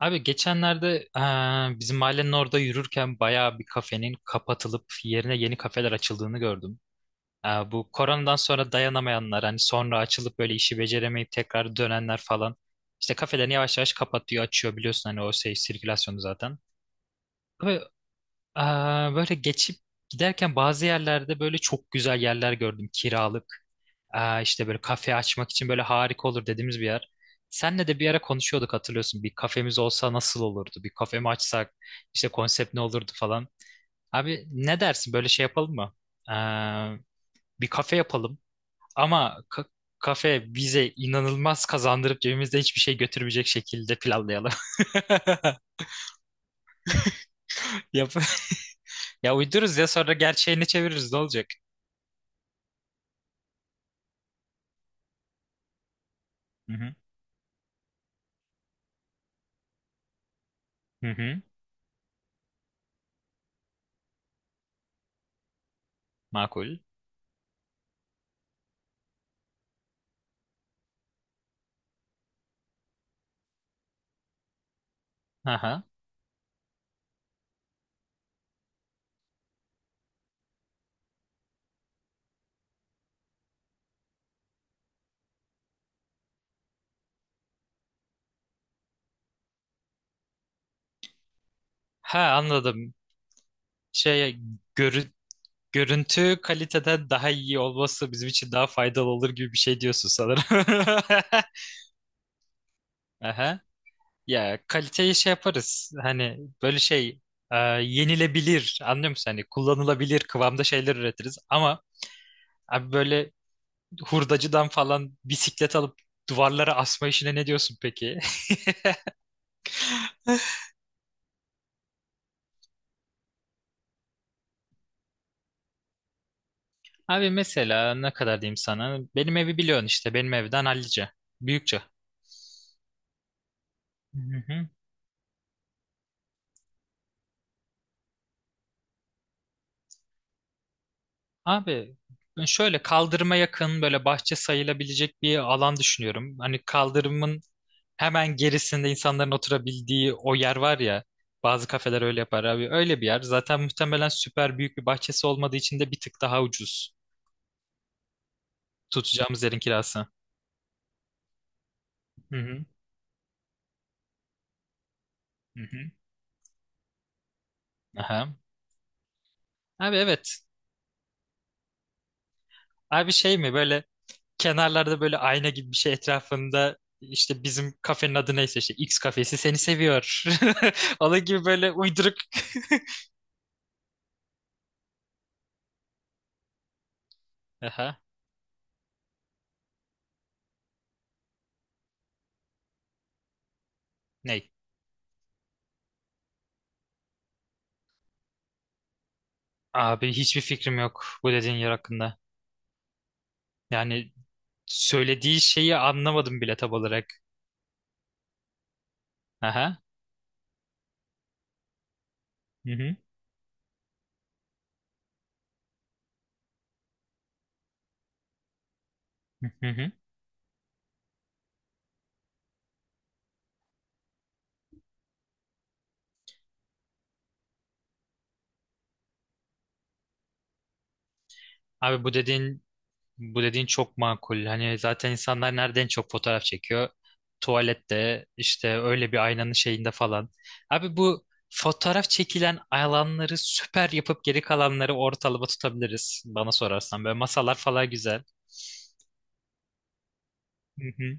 Abi, geçenlerde bizim mahallenin orada yürürken bayağı bir kafenin kapatılıp yerine yeni kafeler açıldığını gördüm. Bu koronadan sonra dayanamayanlar, hani sonra açılıp böyle işi beceremeyip tekrar dönenler falan, işte kafelerini yavaş yavaş kapatıyor, açıyor, biliyorsun hani o şey sirkülasyonu zaten. Ve böyle geçip giderken bazı yerlerde böyle çok güzel yerler gördüm, kiralık. İşte böyle kafe açmak için böyle harika olur dediğimiz bir yer. Senle de bir ara konuşuyorduk, hatırlıyorsun. Bir kafemiz olsa nasıl olurdu? Bir kafe mi açsak? İşte konsept ne olurdu falan. Abi, ne dersin böyle şey yapalım mı? Aa, Bir kafe yapalım ama kafe bize inanılmaz kazandırıp cebimizde hiçbir şey götürmeyecek şekilde planlayalım. Yap ya uydururuz ya sonra gerçeğini çeviririz, ne olacak? Hı hı. Makul. Aha. Ha, anladım. Şey görü- Görüntü kaliteden daha iyi olması bizim için daha faydalı olur gibi bir şey diyorsun sanırım. Aha. Ya kaliteyi şey yaparız. Hani böyle şey yenilebilir, anlıyor musun? Hani kullanılabilir kıvamda şeyler üretiriz. Ama abi, böyle hurdacıdan falan bisiklet alıp duvarlara asma işine ne diyorsun peki? Abi, mesela ne kadar diyeyim sana? Benim evi biliyorsun işte. Benim evden hallice. Büyükçe. Hı hı. Abi, ben şöyle kaldırıma yakın böyle bahçe sayılabilecek bir alan düşünüyorum. Hani kaldırımın hemen gerisinde insanların oturabildiği o yer var ya. Bazı kafeler öyle yapar abi. Öyle bir yer. Zaten muhtemelen süper büyük bir bahçesi olmadığı için de bir tık daha ucuz. Tutacağımız yerin kirası. Hı hı. Hı hı. Aha. Abi, evet. Abi, şey mi böyle kenarlarda böyle ayna gibi bir şey etrafında, işte bizim kafenin adı neyse, işte X kafesi seni seviyor. Onun gibi böyle uyduruk. Aha. Ney? Abi, hiçbir fikrim yok bu dediğin yer hakkında. Yani söylediği şeyi anlamadım bile tam olarak. Aha. Hı hı. Hı hı. Abi, bu dediğin çok makul. Hani zaten insanlar nereden çok fotoğraf çekiyor? Tuvalette işte öyle bir aynanın şeyinde falan. Abi, bu fotoğraf çekilen alanları süper yapıp geri kalanları ortalama tutabiliriz bana sorarsan. Böyle masalar falan güzel. Hı hı.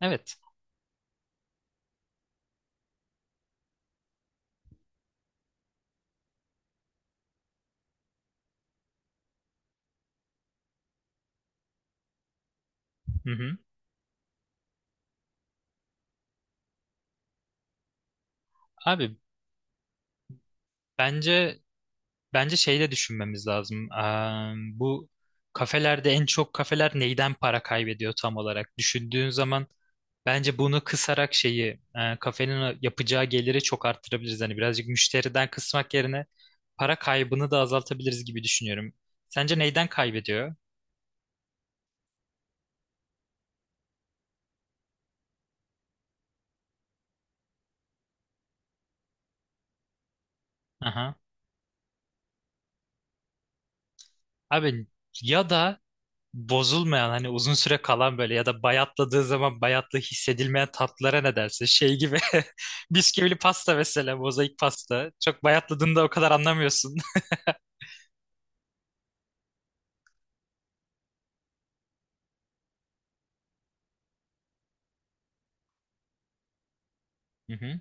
Evet. Hı hı. Abi, bence Bence şey de düşünmemiz lazım. Bu kafelerde en çok kafeler neyden para kaybediyor tam olarak? Düşündüğün zaman bence bunu kısarak şeyi kafenin yapacağı geliri çok arttırabiliriz. Hani birazcık müşteriden kısmak yerine para kaybını da azaltabiliriz gibi düşünüyorum. Sence neyden kaybediyor? Aha. Abi, ya da bozulmayan, hani uzun süre kalan, böyle ya da bayatladığı zaman bayatlı hissedilmeyen tatlılara ne dersin? Şey gibi bisküvili pasta, mesela mozaik pasta. Çok bayatladığında o kadar anlamıyorsun. Hı hı.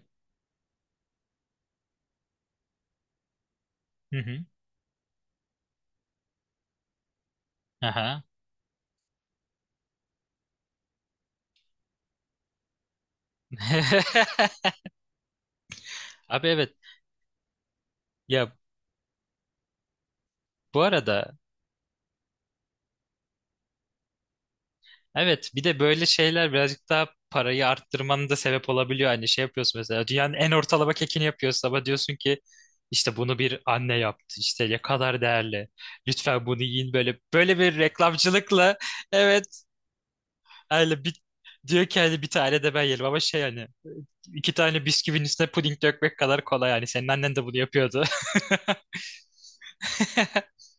Hı hı. Aha. Abi, evet. Ya bu arada, evet, bir de böyle şeyler birazcık daha parayı arttırmanın da sebep olabiliyor. Hani şey yapıyorsun mesela, dünyanın en ortalama kekini yapıyorsun ama diyorsun ki işte bunu bir anne yaptı. İşte ne kadar değerli. Lütfen bunu yiyin, böyle böyle bir reklamcılıkla. Evet. Öyle bir diyor ki hani bir tane de ben yerim ama şey, hani iki tane bisküvinin üstüne puding dökmek kadar kolay yani. Senin annen de bunu yapıyordu.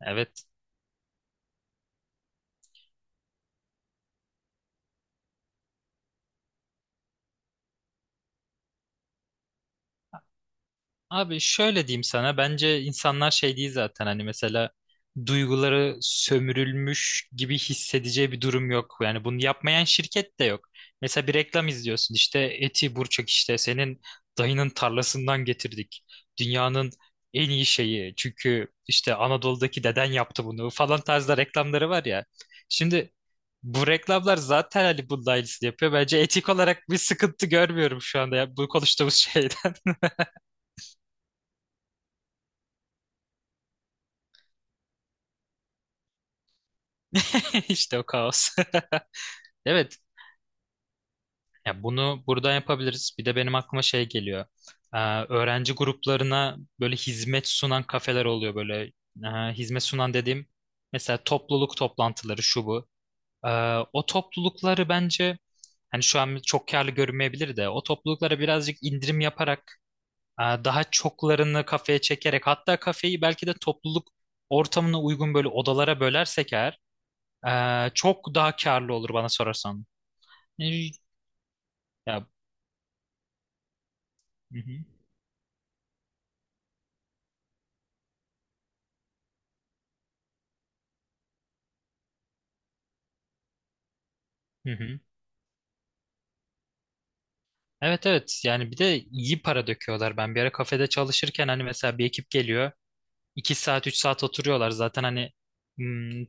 Evet. Abi, şöyle diyeyim sana, bence insanlar şey değil zaten hani, mesela duyguları sömürülmüş gibi hissedeceği bir durum yok. Yani bunu yapmayan şirket de yok. Mesela bir reklam izliyorsun, işte Eti Burçak, işte senin dayının tarlasından getirdik. Dünyanın en iyi şeyi çünkü işte Anadolu'daki deden yaptı bunu falan tarzda reklamları var ya. Şimdi bu reklamlar zaten hani bunun aynısını yapıyor. Bence etik olarak bir sıkıntı görmüyorum şu anda ya, bu konuştuğumuz şeyden. İşte o kaos. Evet, ya bunu burada yapabiliriz. Bir de benim aklıma şey geliyor. Ee, Öğrenci gruplarına böyle hizmet sunan kafeler oluyor böyle. Hizmet sunan dediğim, mesela topluluk toplantıları şu bu. Ee, O toplulukları bence, hani şu an çok karlı görünmeyebilir de, o topluluklara birazcık indirim yaparak, daha çoklarını kafeye çekerek, hatta kafeyi belki de topluluk ortamına uygun böyle odalara bölersek eğer, çok daha karlı olur bana sorarsan. Ee, Ya, hı hı. Hı hı. Evet, evet, yani bir de iyi para döküyorlar. Ben bir ara kafede çalışırken hani mesela bir ekip geliyor. 2 saat 3 saat oturuyorlar zaten hani hmm,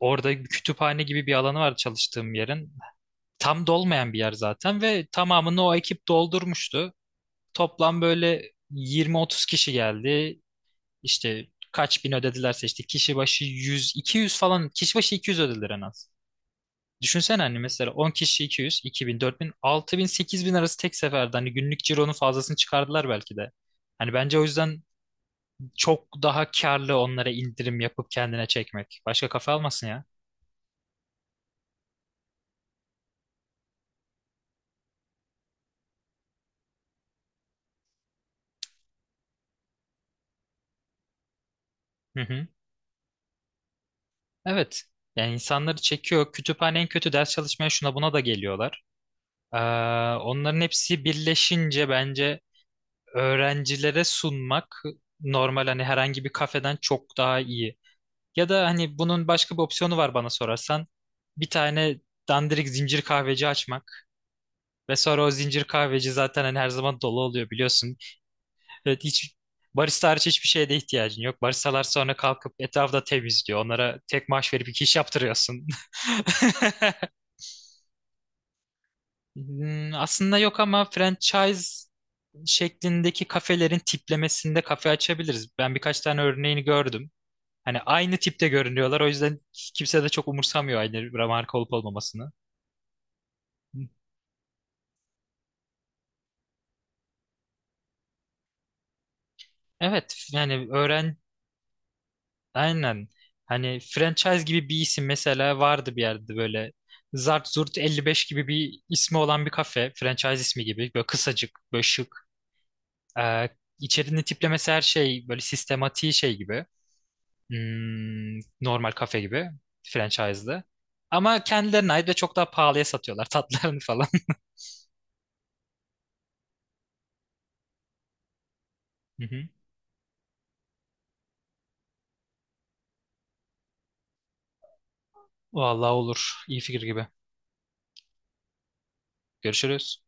orada bir kütüphane gibi bir alanı var çalıştığım yerin. Tam dolmayan bir yer zaten ve tamamını o ekip doldurmuştu. Toplam böyle 20-30 kişi geldi. İşte kaç bin ödedilerse, işte kişi başı 100-200 falan, kişi başı 200 ödediler en az. Düşünsene, hani mesela 10 kişi 200, 2000, 4000, 6000, 8000 arası tek seferde, hani günlük cironun fazlasını çıkardılar belki de. Hani bence o yüzden çok daha karlı onlara indirim yapıp kendine çekmek. Başka kafa almasın ya. Hı hı. Evet. Yani insanları çekiyor. Kütüphane en kötü ders çalışmaya, şuna buna da geliyorlar. Ee, Onların hepsi birleşince bence öğrencilere sunmak, normal hani herhangi bir kafeden çok daha iyi. Ya da hani bunun başka bir opsiyonu var bana sorarsan. Bir tane dandirik zincir kahveci açmak. Ve sonra o zincir kahveci zaten hani her zaman dolu oluyor biliyorsun. Evet, hiç barista hariç hiçbir şeye de ihtiyacın yok. Baristalar sonra kalkıp etrafta temizliyor. Onlara tek maaş verip iki iş yaptırıyorsun. Aslında yok ama franchise şeklindeki kafelerin tiplemesinde kafe açabiliriz. Ben birkaç tane örneğini gördüm. Hani aynı tipte görünüyorlar. O yüzden kimse de çok umursamıyor aynı marka olup olmamasını. Evet yani aynen, hani franchise gibi bir isim mesela vardı bir yerde, böyle Zart Zurt 55 gibi bir ismi olan bir kafe, franchise ismi gibi böyle kısacık, böyle şık, ee, içerinin tiplemesi her şey böyle sistematiği şey gibi, normal kafe gibi, franchise'da ama kendilerine ait ve çok daha pahalıya satıyorlar tatlarını falan. Hı hı. Vallahi olur, iyi fikir gibi. Görüşürüz.